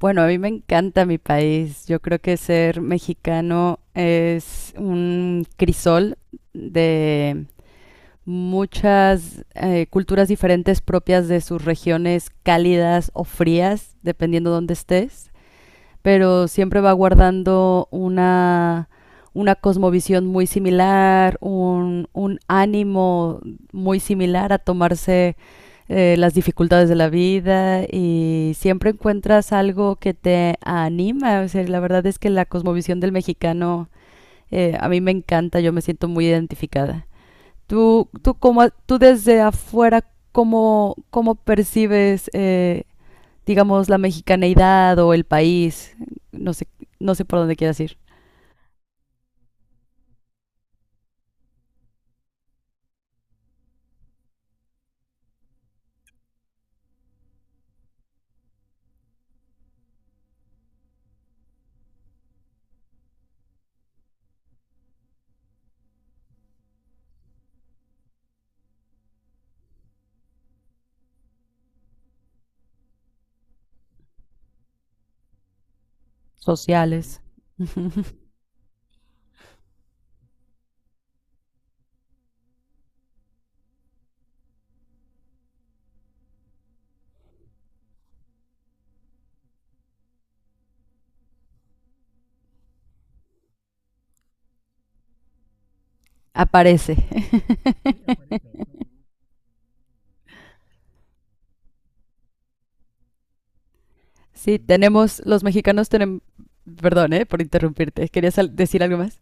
Bueno, a mí me encanta mi país. Yo creo que ser mexicano es un crisol de muchas culturas diferentes propias de sus regiones cálidas o frías, dependiendo dónde estés, pero siempre va guardando una cosmovisión muy similar, un ánimo muy similar a tomarse las dificultades de la vida y siempre encuentras algo que te anima. O sea, la verdad es que la cosmovisión del mexicano a mí me encanta, yo me siento muy identificada. Tú desde afuera, ¿ cómo percibes, digamos, la mexicaneidad o el país, no sé, no sé por dónde quieras ir, sociales, aparece. Sí, tenemos, los mexicanos tenemos, perdón, por interrumpirte, querías decir algo más.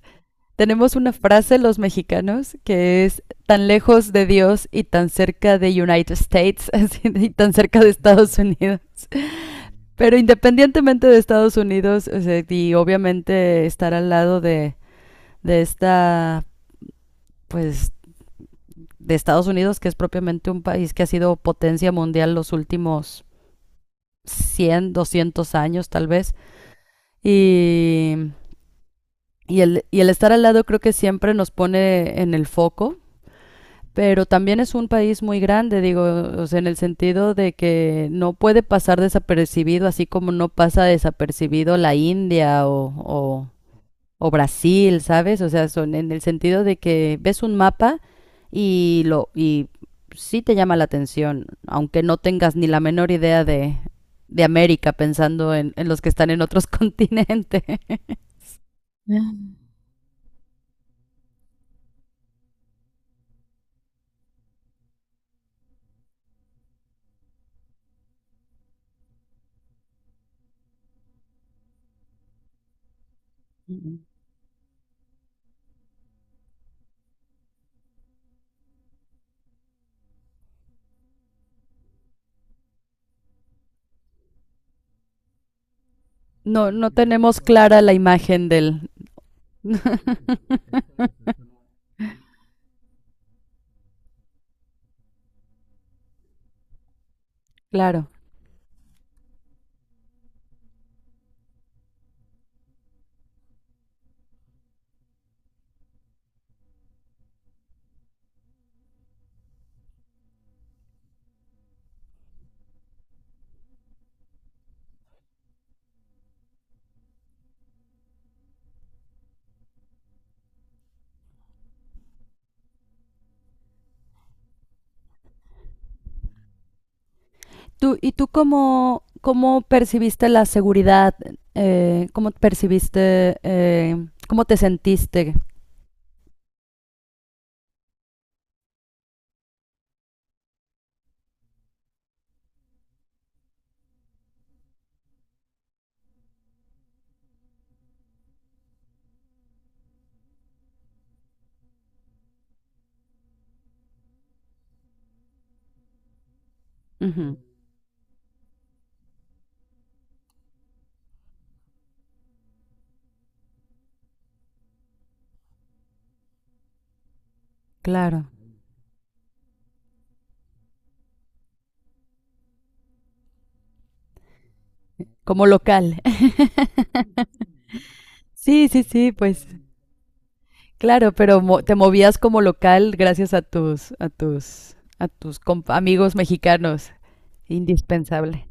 Tenemos una frase los mexicanos que es tan lejos de Dios y tan cerca de United States así, y tan cerca de Estados Unidos. Pero independientemente de Estados Unidos, o sea, y obviamente estar al lado de esta, pues de Estados Unidos, que es propiamente un país que ha sido potencia mundial los últimos 100 200 años tal vez. Y, y el estar al lado creo que siempre nos pone en el foco, pero también es un país muy grande, digo, o sea, en el sentido de que no puede pasar desapercibido, así como no pasa desapercibido la India o o Brasil, ¿sabes? O sea, son en el sentido de que ves un mapa y sí te llama la atención, aunque no tengas ni la menor idea de América pensando en los que están en otros continentes. No, no tenemos clara la imagen del... Claro. ¿Tú, ¿y tú cómo, cómo percibiste la seguridad? ¿Cómo percibiste, cómo te sentiste? Ujú, claro, como local. Sí, sí, sí, pues claro, pero te movías como local gracias a tus amigos mexicanos, indispensable.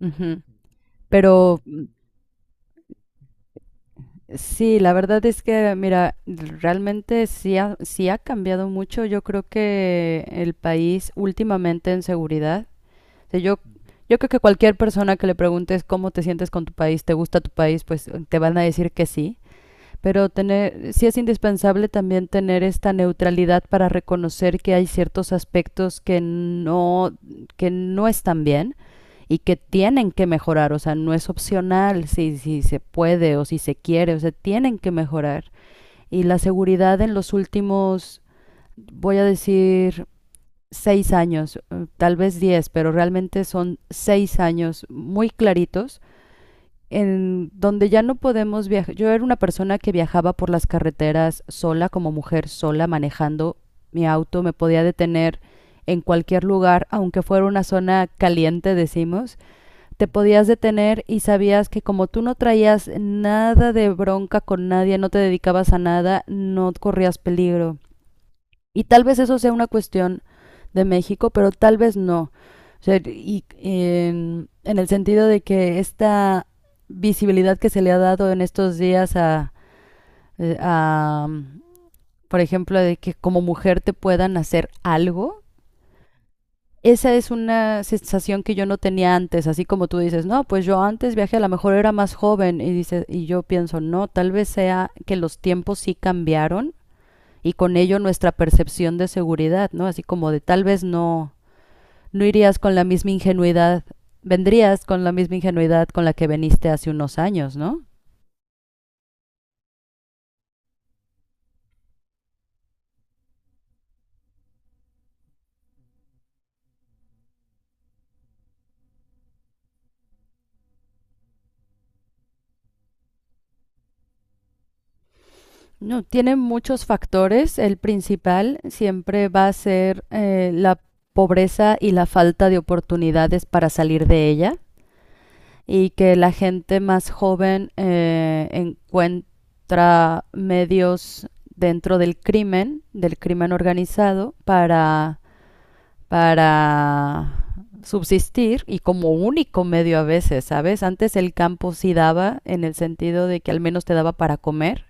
Ujú. Pero mm, sí, la verdad es que mira, realmente sí ha cambiado mucho, yo creo que el país últimamente en seguridad. O sea, yo creo que cualquier persona que le preguntes cómo te sientes con tu país, te gusta tu país, pues te van a decir que sí. Pero tener, sí es indispensable también tener esta neutralidad para reconocer que hay ciertos aspectos que no están bien y que tienen que mejorar, o sea, no es opcional si se puede o si se quiere, o sea, tienen que mejorar. Y la seguridad en los últimos, voy a decir, 6 años, tal vez 10, pero realmente son 6 años muy claritos en donde ya no podemos viajar. Yo era una persona que viajaba por las carreteras sola, como mujer sola, manejando mi auto, me podía detener en cualquier lugar, aunque fuera una zona caliente, decimos, te podías detener y sabías que como tú no traías nada de bronca con nadie, no te dedicabas a nada, no corrías peligro. Y tal vez eso sea una cuestión de México, pero tal vez no. O sea, y en el sentido de que esta visibilidad que se le ha dado en estos días a, por ejemplo, de que como mujer te puedan hacer algo, esa es una sensación que yo no tenía antes, así como tú dices, no, pues yo antes viajé, a lo mejor era más joven, y, dice, y yo pienso, no, tal vez sea que los tiempos sí cambiaron y con ello nuestra percepción de seguridad, ¿no? Así como de tal vez no, no irías con la misma ingenuidad, vendrías con la misma ingenuidad con la que veniste hace unos años, ¿no? No, tiene muchos factores. El principal siempre va a ser, la pobreza y la falta de oportunidades para salir de ella y que la gente más joven, encuentra medios dentro del crimen organizado, para subsistir y como único medio a veces, ¿sabes? Antes el campo sí daba en el sentido de que al menos te daba para comer,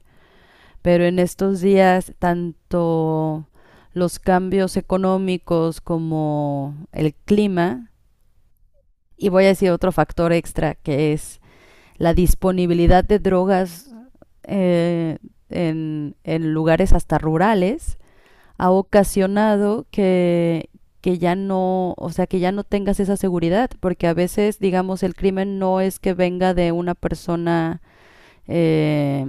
pero en estos días tanto los cambios económicos como el clima y voy a decir otro factor extra que es la disponibilidad de drogas, eh, en lugares hasta rurales ha ocasionado que ya no, o sea, que ya no tengas esa seguridad, porque a veces, digamos, el crimen no es que venga de una persona, eh,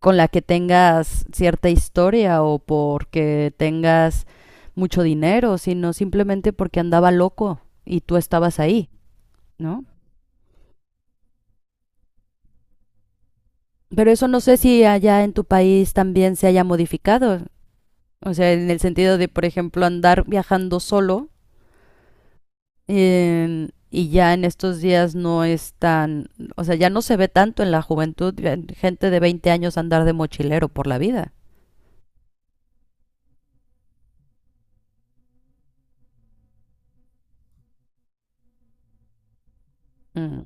con la que tengas cierta historia o porque tengas mucho dinero, sino simplemente porque andaba loco y tú estabas ahí, ¿no? Pero eso no sé si allá en tu país también se haya modificado. O sea, en el sentido de, por ejemplo, andar viajando solo. Y ya en estos días no es tan, o sea, ya no se ve tanto en la juventud gente de 20 años andar de mochilero por la vida. Mm,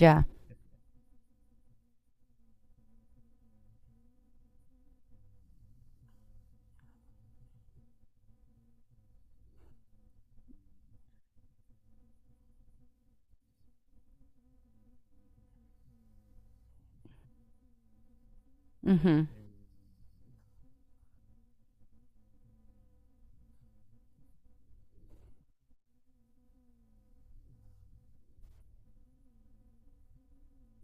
ya. Ujú,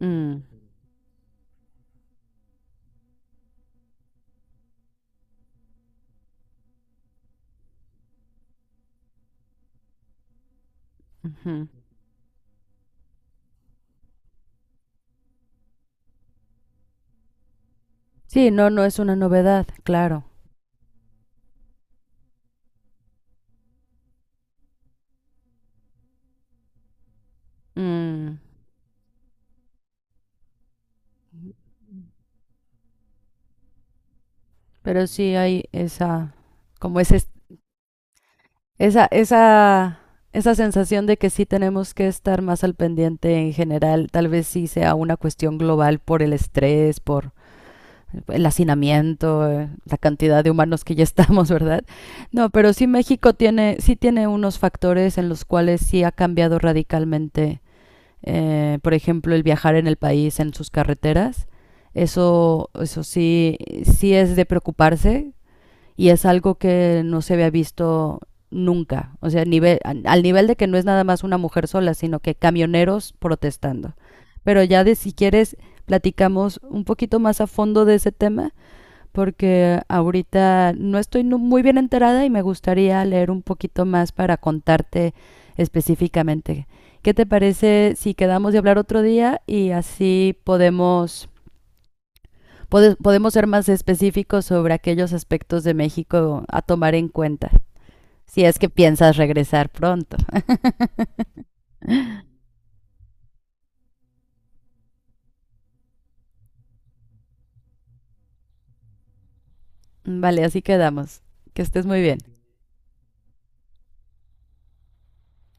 mm, ujú. Sí, no, no es una novedad, claro. Mm, pero sí hay esa, como ese, esa, esa, esa sensación de que sí tenemos que estar más al pendiente en general. Tal vez sí sea una cuestión global por el estrés, por el hacinamiento, la cantidad de humanos que ya estamos, ¿verdad? No, pero sí México tiene, sí tiene unos factores en los cuales sí ha cambiado radicalmente, por ejemplo, el viajar en el país, en sus carreteras. Eso sí, sí es de preocuparse y es algo que no se había visto nunca, o sea, nivel, al nivel de que no es nada más una mujer sola, sino que camioneros protestando. Pero ya, de si quieres platicamos un poquito más a fondo de ese tema, porque ahorita no estoy muy bien enterada y me gustaría leer un poquito más para contarte específicamente. ¿Qué te parece si quedamos de hablar otro día y así podemos, podemos ser más específicos sobre aquellos aspectos de México a tomar en cuenta? Si es que piensas regresar pronto. Vale, así quedamos. Que estés muy bien.